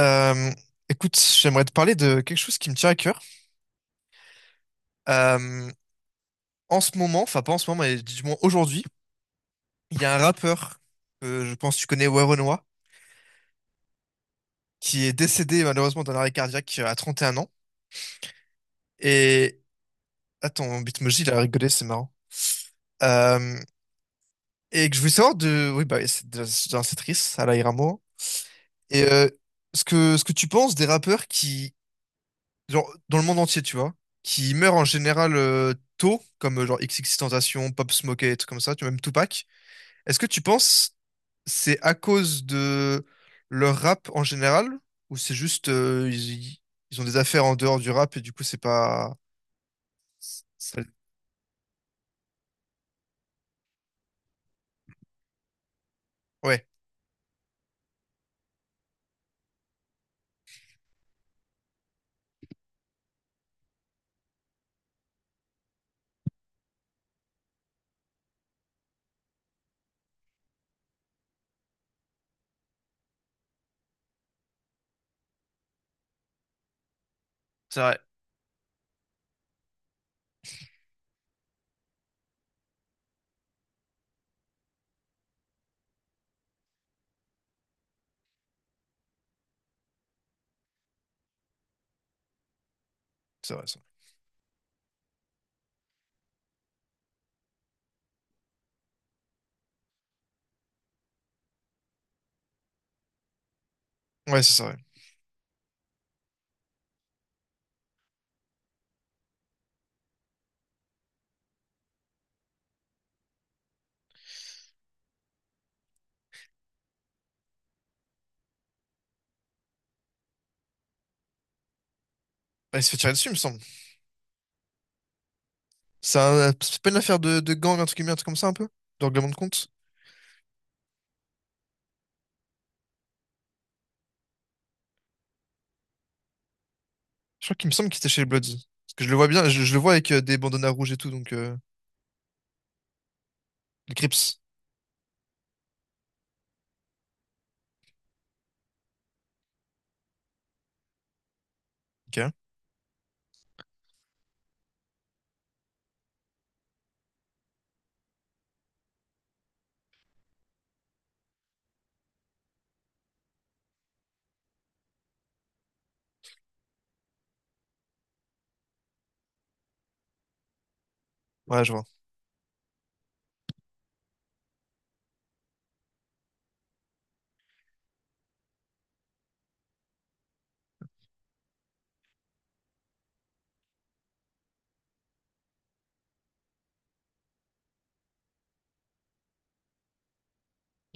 Euh, Écoute, j'aimerais te parler de quelque chose qui me tient à cœur. Euh, En ce moment, enfin pas en ce moment, mais du moins aujourd'hui, il y a un rappeur, que je pense que tu connais, Werenoi, qui est décédé malheureusement d'un arrêt cardiaque à 31 ans. Et attends, mon Bitmoji, il a rigolé, c'est marrant. Euh, et que je voulais savoir de, oui bah oui, c'est de- c'est d'un- c'est triste, à Iramo. Et ce que tu penses des rappeurs qui, genre dans le monde entier, tu vois, qui meurent en général tôt, comme genre XXXTentacion, Pop Smoke et tout comme ça, tu vois, même Tupac. Est-ce que tu penses c'est à cause de leur rap en général, ou c'est juste ils ont des affaires en dehors du rap et du coup c'est pas c'est- ouais, c'est vrai, c'est vrai ça. Ouais, c'est ça, ouais. Bah, il se fait tirer dessus, il me semble. C'est pas une affaire de gang, un truc comme ça, un peu, de règlement de compte. Je crois qu'il me semble qu'il était chez les Bloods parce que je le vois bien, je le vois avec des bandanas rouges et tout, donc les Crips. Ok. Ouais, je vois.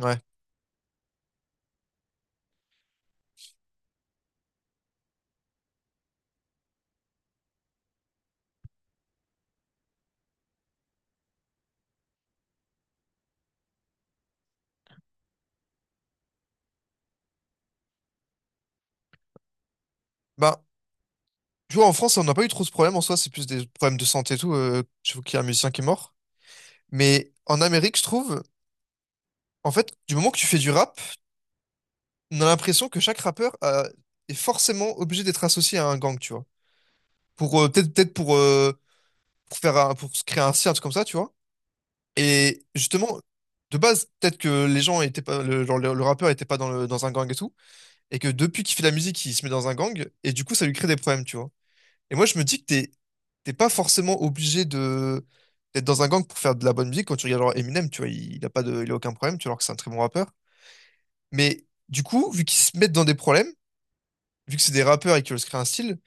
Ouais. Bah, tu vois, en France on n'a pas eu trop ce problème en soi, c'est plus des problèmes de santé et tout. Je vois qu'il y a un musicien qui est mort. Mais en Amérique, je trouve, en fait, du moment que tu fais du rap, on a l'impression que chaque rappeur est forcément obligé d'être associé à un gang, tu vois. Pour peut-être pour pour se créer un cirque comme ça, tu vois. Et justement, de base, peut-être que les gens étaient pas genre, le rappeur était pas dans un gang et tout, et que depuis qu'il fait de la musique, il se met dans un gang, et du coup, ça lui crée des problèmes, tu vois. Et moi, je me dis que t'es pas forcément obligé de d'être dans un gang pour faire de la bonne musique. Quand tu regardes genre Eminem, tu vois, il a pas de, il a aucun problème, tu vois, alors que c'est un très bon rappeur. Mais du coup, vu qu'ils se mettent dans des problèmes, vu que c'est des rappeurs et qu'ils veulent se créer un style,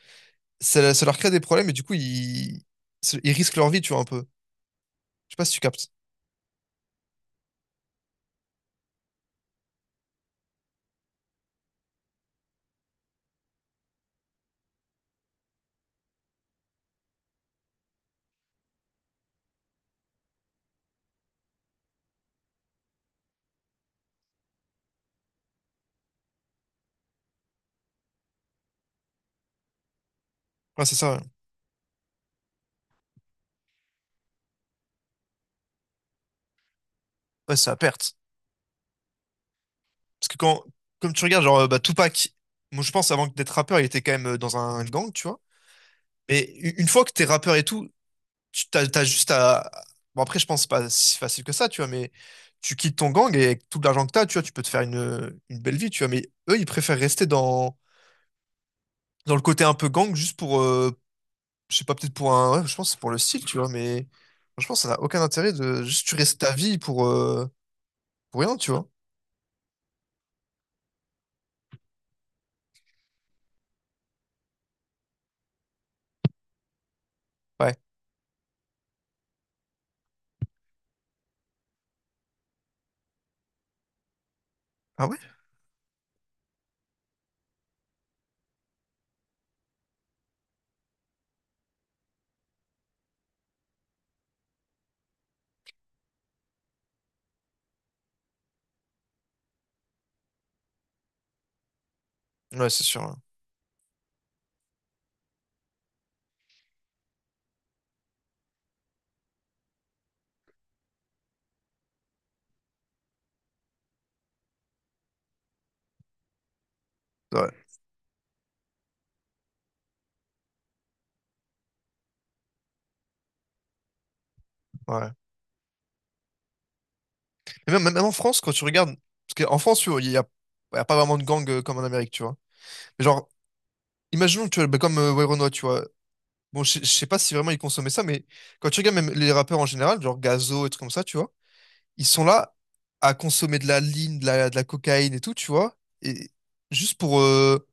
ça leur crée des problèmes et du coup, ils risquent leur vie, tu vois, un peu. Je sais pas si tu captes. Ouais, c'est ça. Ouais. Ouais, c'est à perte. Parce que quand, comme tu regardes, genre, bah, Tupac, moi, je pense, avant d'être rappeur, il était quand même dans un gang, tu vois. Mais une fois que t'es rappeur et tout, tu t'as juste à. Bon, après, je pense pas si facile que ça, tu vois, mais tu quittes ton gang et avec tout l'argent que t'as, tu vois, tu peux te faire une belle vie, tu vois. Mais eux, ils préfèrent rester dans le côté un peu gang juste pour, je sais pas, peut-être pour un. Ouais, je pense que c'est pour le style, tu vois, mais franchement, ça n'a aucun intérêt de juste tu restes ta vie pour rien, tu vois. Ouais. Ah ouais? Ouais, c'est sûr. Ouais. Ouais. Mais même, même en France, quand tu regardes. Parce qu'en France, tu vois, il y a pas vraiment de gang comme en Amérique, tu vois. Mais genre, imaginons, que tu vois, bah, comme Werenoi, tu vois. Bon, je sais pas si vraiment ils consommaient ça, mais quand tu regardes même les rappeurs en général, genre Gazo et trucs comme ça, tu vois, ils sont là à consommer de la ligne, de la cocaïne et tout, tu vois. Et juste pour. euh,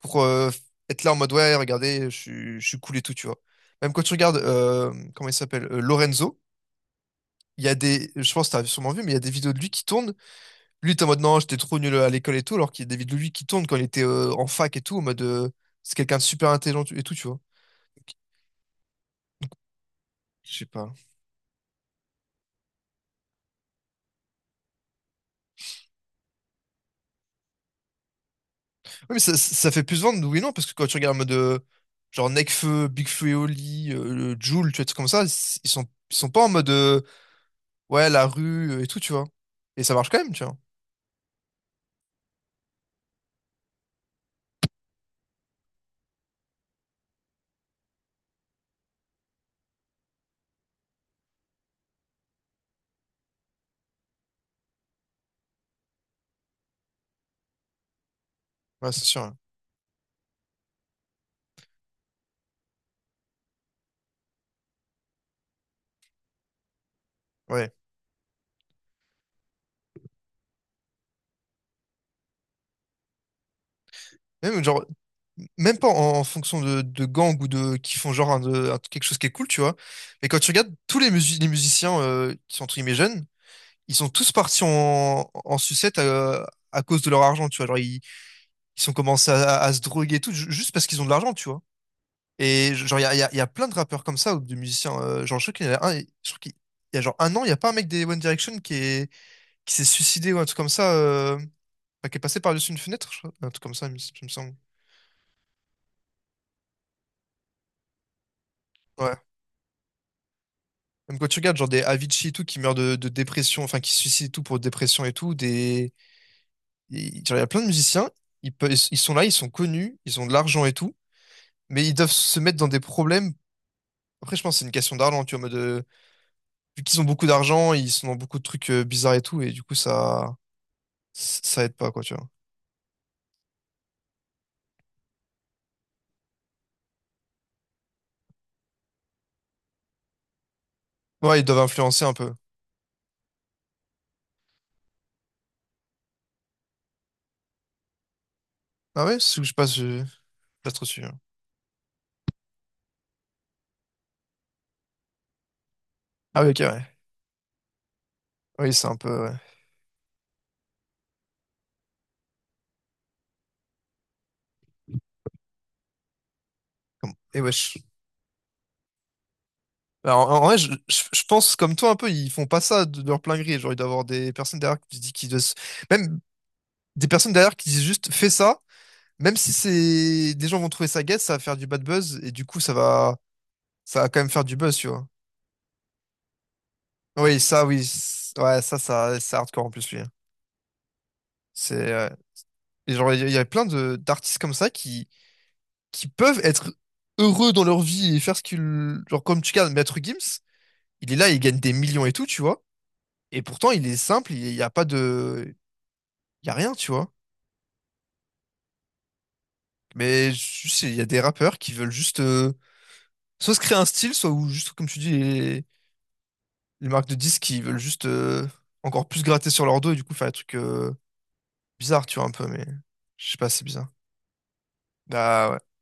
pour euh, être là en mode ouais, regardez, je suis cool et tout, tu vois. Même quand tu regardes, comment il s'appelle, Lorenzo, il y a des, je pense que t'as sûrement vu, mais il y a des vidéos de lui qui tournent. Lui, t'es en mode non, j'étais trop nul à l'école et tout, alors qu'il y a des vidéos de lui qui tournent quand il était en fac et tout, en mode c'est quelqu'un de super intelligent et tout, tu vois. Ok. Je sais pas. Oui, mais ça fait plus vendre, oui et non, parce que quand tu regardes en mode genre Nekfeu, Big Flo et Oli, Jul, tu vois, des trucs comme ça, ils sont pas en mode ouais, la rue et tout, tu vois. Et ça marche quand même, tu vois. Ouais, c'est sûr, hein. Ouais. Même, genre, même pas en fonction de gangs ou de qui font genre quelque chose qui est cool, tu vois. Mais quand tu regardes tous les musiciens qui sont entre guillemets jeunes, ils sont tous partis en sucette à cause de leur argent, tu vois. Genre, ils ont commencé à se droguer et tout, juste parce qu'ils ont de l'argent, tu vois. Et genre, il y a plein de rappeurs comme ça ou de musiciens. Genre, je crois qu'il y en a un, je crois qu'il il y a genre un an, il n'y a pas un mec des One Direction qui est, qui s'est suicidé ou un truc comme ça, enfin, qui est passé par-dessus une fenêtre, je crois, un truc comme ça, il me semble. Ouais. Même quand tu regardes genre des Avicii et tout qui meurent de dépression, enfin qui se suicident et tout pour dépression et tout, des. Genre, il y a plein de musiciens, ils sont là, ils sont connus, ils ont de l'argent et tout, mais ils doivent se mettre dans des problèmes. Après, je pense que c'est une question d'argent, tu vois, en mode, vu qu'ils ont beaucoup d'argent, ils sont dans beaucoup de trucs bizarres et tout, et du coup, ça aide pas, quoi, tu vois. Ouais, ils doivent influencer un peu. Ah ouais, c'est où je passe, je suis pas trop sûr. Ah ouais, ok, ouais. Oui, c'est un peu, ouais. Et wesh. Alors, en vrai, je pense comme toi un peu, ils font pas ça de leur plein gré. Genre, il doit y avoir des personnes derrière qui disent, même des personnes derrière qui disent juste fais ça, même si c'est des gens vont trouver ça guette, ça va faire du bad buzz et du coup ça va quand même faire du buzz, tu vois. Oui, ça, oui, ouais, ça, c'est hardcore en plus lui. C'est Et genre, il y a plein de d'artistes comme ça qui peuvent être heureux dans leur vie et faire ce qu'ils, genre, comme tu regardes Maître Gims, il est là, il gagne des millions et tout, tu vois. Et pourtant, il est simple, il n'y a pas de. Il y a rien, tu vois. Mais juste, il y a des rappeurs qui veulent juste soit se créer un style, soit ou juste, comme tu dis, les marques de disques qui veulent juste encore plus gratter sur leur dos et du coup faire des trucs bizarres, tu vois, un peu. Mais je sais pas, c'est bizarre. Bah ouais.